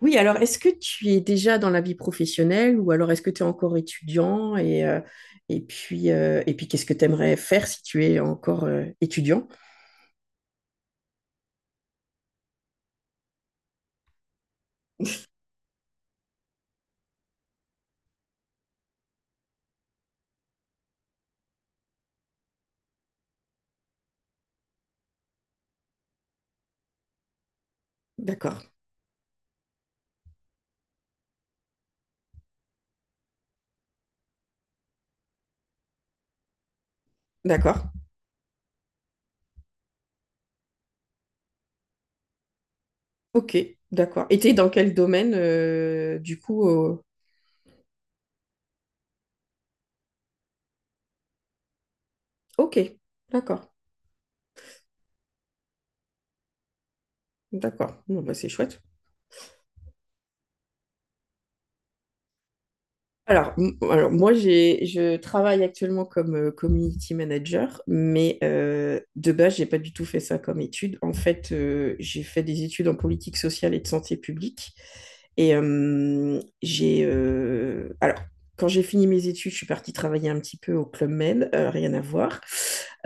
Oui, alors est-ce que tu es déjà dans la vie professionnelle ou alors est-ce que tu es encore étudiant et, et puis qu'est-ce que tu aimerais faire si tu es encore étudiant? D'accord, d'accord, ok, d'accord. Et tu es dans quel domaine du coup? Ok, d'accord, d'accord. Bon, bah, c'est chouette. Alors, moi, je travaille actuellement comme community manager, mais de base, j'ai pas du tout fait ça comme étude. En fait, j'ai fait des études en politique sociale et de santé publique. Alors, quand j'ai fini mes études, je suis partie travailler un petit peu au Club Med, rien à voir.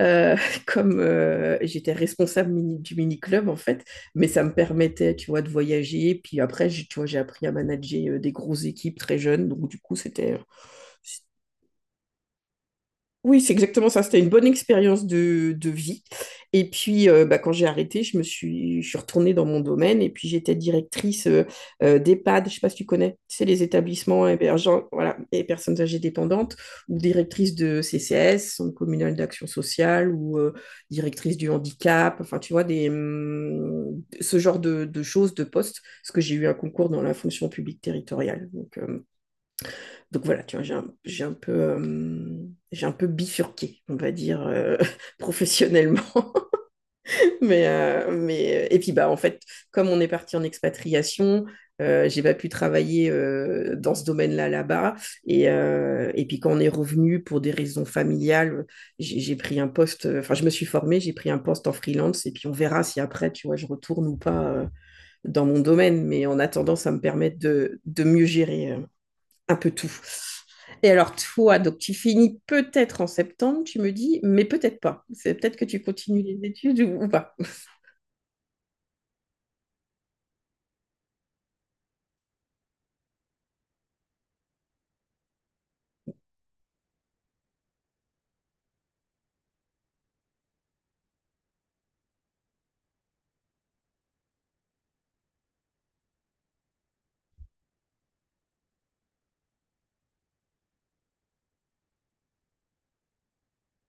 Euh, comme j'étais responsable du mini-club, en fait mais ça me permettait, tu vois, de voyager. Puis après, tu vois, j'ai appris à manager des grosses équipes très jeunes. Donc, du coup, c'était. Oui, c'est exactement ça. C'était une bonne expérience de vie. Et puis, bah, quand j'ai arrêté, je suis retournée dans mon domaine et puis j'étais directrice d'EHPAD. Je ne sais pas si tu connais, c'est les établissements hébergeants, voilà, et personnes âgées dépendantes, ou directrice de CCS, Centre communal d'action sociale, ou directrice du handicap. Enfin, tu vois, des, ce genre de choses, de postes, parce que j'ai eu un concours dans la fonction publique territoriale. Donc voilà, tu vois, j'ai un peu bifurqué, on va dire, professionnellement. mais, et puis, bah, en fait, comme on est parti en expatriation, j'ai pas pu travailler dans ce domaine-là là-bas. Et puis quand on est revenu pour des raisons familiales, j'ai pris un poste, enfin je me suis formée, j'ai pris un poste en freelance et puis on verra si après, tu vois, je retourne ou pas dans mon domaine. Mais en attendant, ça me permet de mieux gérer un peu tout. Et alors, toi, donc tu finis peut-être en septembre, tu me dis, mais peut-être pas. C'est peut-être que tu continues les études ou pas.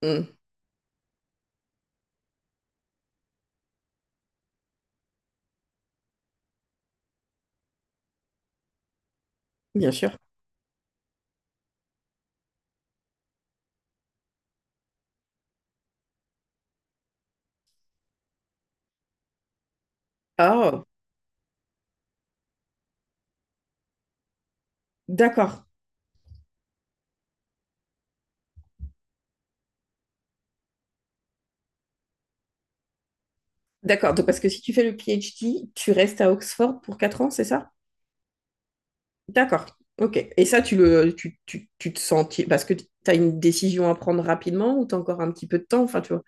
Mm, bien sûr. Ah, d'accord. D'accord. Donc, parce que si tu fais le PhD, tu restes à Oxford pour 4 ans, c'est ça? D'accord. Ok. Et ça, tu te sens, parce que tu as une décision à prendre rapidement ou tu as encore un petit peu de temps, enfin, tu vois.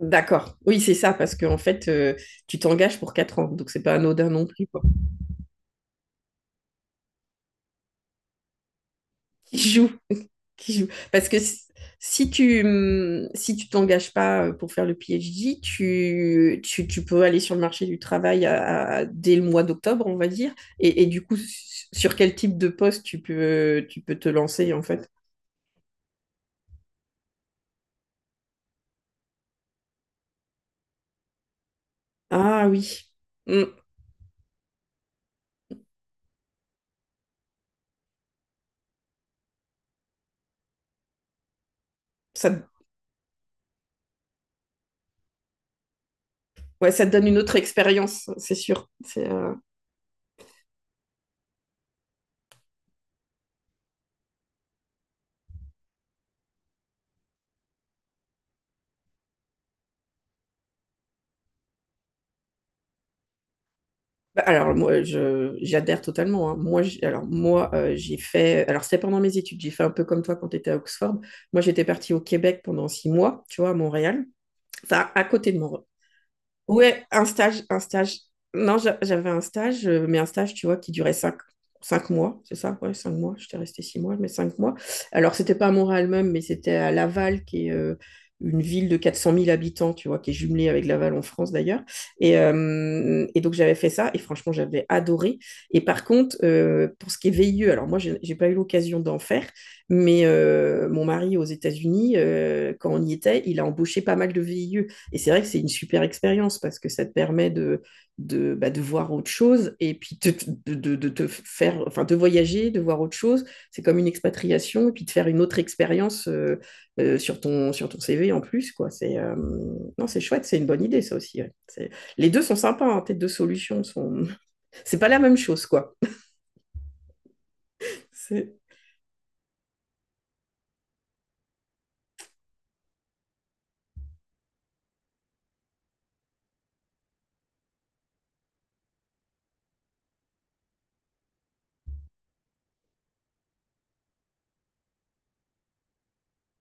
D'accord. Oui, c'est ça, parce qu'en fait, tu t'engages pour 4 ans, donc c'est pas anodin non plus, quoi. Qui joue? Qui joue? Parce que si tu t'engages pas pour faire le PhD, tu peux aller sur le marché du travail dès le mois d'octobre, on va dire. Et du coup, sur quel type de poste tu peux te lancer, en fait? Ah oui. Hum, ça, ouais, ça te donne une autre expérience, c'est sûr. Bah, alors moi, je j'adhère totalement. Hein. Moi, alors moi, j'ai fait. Alors c'était pendant mes études. J'ai fait un peu comme toi quand tu étais à Oxford. Moi, j'étais partie au Québec pendant 6 mois, tu vois, à Montréal. Enfin, à côté de Montréal. Ouais, un stage, un stage. Non, j'avais un stage, mais un stage, tu vois, qui durait cinq mois, c'est ça? Ouais, 5 mois. J'étais restée 6 mois, mais 5 mois. Alors, c'était pas à Montréal même, mais c'était à Laval, qui est une ville de 400 000 habitants, tu vois, qui est jumelée avec Laval en France d'ailleurs. Et donc, j'avais fait ça, et franchement, j'avais adoré. Et par contre, pour ce qui est VIE, alors moi, j'ai pas eu l'occasion d'en faire, mais mon mari aux États-Unis, quand on y était, il a embauché pas mal de VIE. Et c'est vrai que c'est une super expérience parce que ça te permet de, bah, de voir autre chose et puis te faire, enfin, de voyager, de voir autre chose. C'est comme une expatriation et puis de faire une autre expérience sur ton CV en plus. Quoi. Non, c'est chouette, c'est une bonne idée ça aussi. Ouais. Les deux sont sympas, hein, tes deux solutions sont. C'est pas la même chose, quoi. C'est...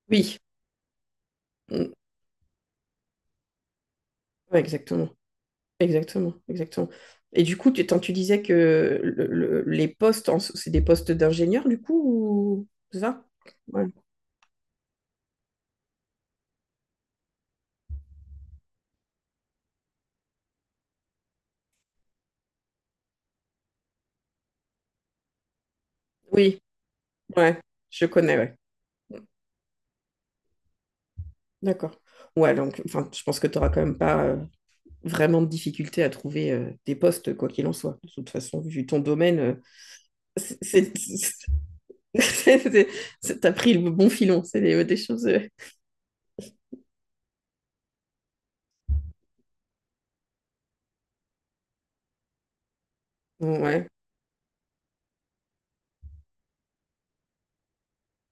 Oui, mm. Ouais, exactement. Exactement, exactement. Et du coup, tant tu disais que les postes, so, c'est des postes d'ingénieur, du coup, ou... c'est ça? Ouais. Oui, ouais, je connais, ouais. D'accord. Ouais, donc, enfin, je pense que tu n'auras quand même pas vraiment de difficulté à trouver des postes, quoi qu'il en soit. De toute façon, vu ton domaine, c'est, c'est- c'est- c'est- t'as pris le bon filon. C'est des choses. Ouais,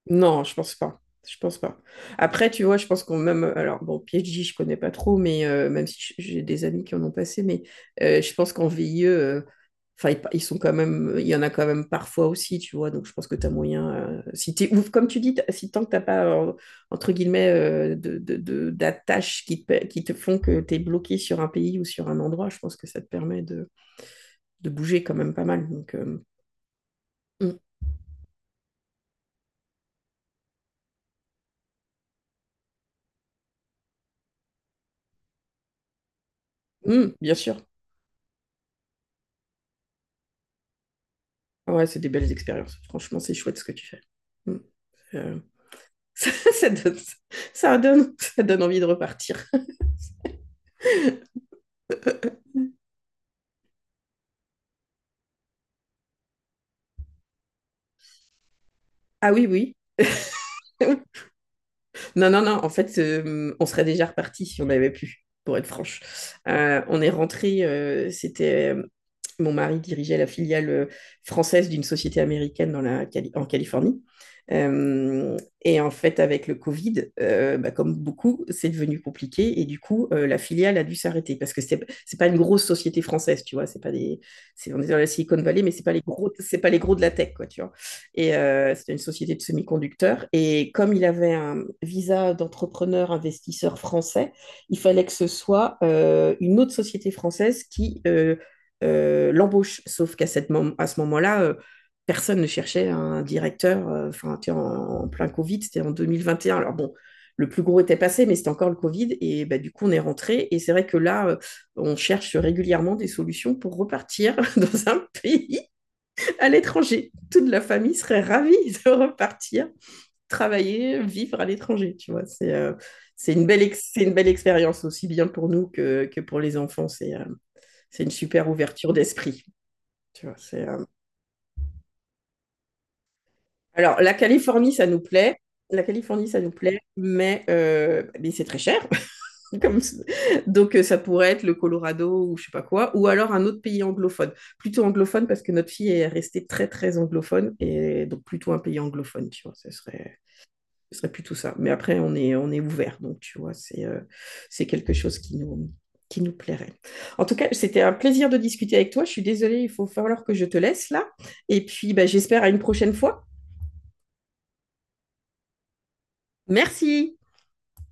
non, je pense pas. Je pense pas. Après, tu vois, je pense qu'on même. Alors, bon, PhD, je connais pas trop, mais même si j'ai des amis qui en ont passé, mais je pense qu'en VIE, enfin, ils sont quand même. Il y en a quand même parfois aussi, tu vois. Donc, je pense que tu as moyen. Si t'es, ou comme tu dis, si tant que t'as pas, entre guillemets, de, d'attaches qui te font que tu es bloqué sur un pays ou sur un endroit, je pense que ça te permet de bouger quand même pas mal. Donc, mm, mm, bien sûr. Ouais, c'est des belles expériences. Franchement, c'est chouette ce que tu fais. Mm. Euh, ça, ça donne, ça donne envie de repartir. Ah oui, oui. Non, non, non. En fait, on serait déjà reparti si on avait pu, pour être franche. On est rentré, c'était mon mari dirigeait la filiale française d'une société américaine dans la, en Californie. Euh, et en fait, avec le Covid, bah, comme beaucoup, c'est devenu compliqué. Et du coup, la filiale a dû s'arrêter parce que c'est pas une grosse société française, tu vois. C'est pas des, c'est, On est dans la Silicon Valley, mais c'est pas les gros, c'est pas les gros de la tech, quoi, tu vois. Et c'était une société de semi-conducteurs. Et comme il avait un visa d'entrepreneur investisseur français, il fallait que ce soit une autre société française qui l'embauche. Sauf qu'à à ce moment-là, personne ne cherchait un directeur. Enfin, tu sais, en plein Covid, c'était en 2021. Alors bon, le plus gros était passé, mais c'était encore le Covid. Et bah, du coup, on est rentré. Et c'est vrai que là, on cherche régulièrement des solutions pour repartir dans un pays à l'étranger. Toute la famille serait ravie de repartir, travailler, vivre à l'étranger. Tu vois, c'est une belle expérience aussi bien pour nous que pour les enfants. C'est une super ouverture d'esprit. Tu vois, Alors, la Californie, ça nous plaît. La Californie, ça nous plaît, mais c'est très cher. Comme... Donc, ça pourrait être le Colorado ou je sais pas quoi, ou alors un autre pays anglophone. Plutôt anglophone parce que notre fille est restée très, très anglophone, et donc plutôt un pays anglophone, tu vois, ce serait plutôt ça. Mais après, on est ouvert, donc tu vois, c'est quelque chose qui nous plairait. En tout cas, c'était un plaisir de discuter avec toi. Je suis désolée, il faut falloir que je te laisse là. Et puis, bah, j'espère à une prochaine fois. Merci.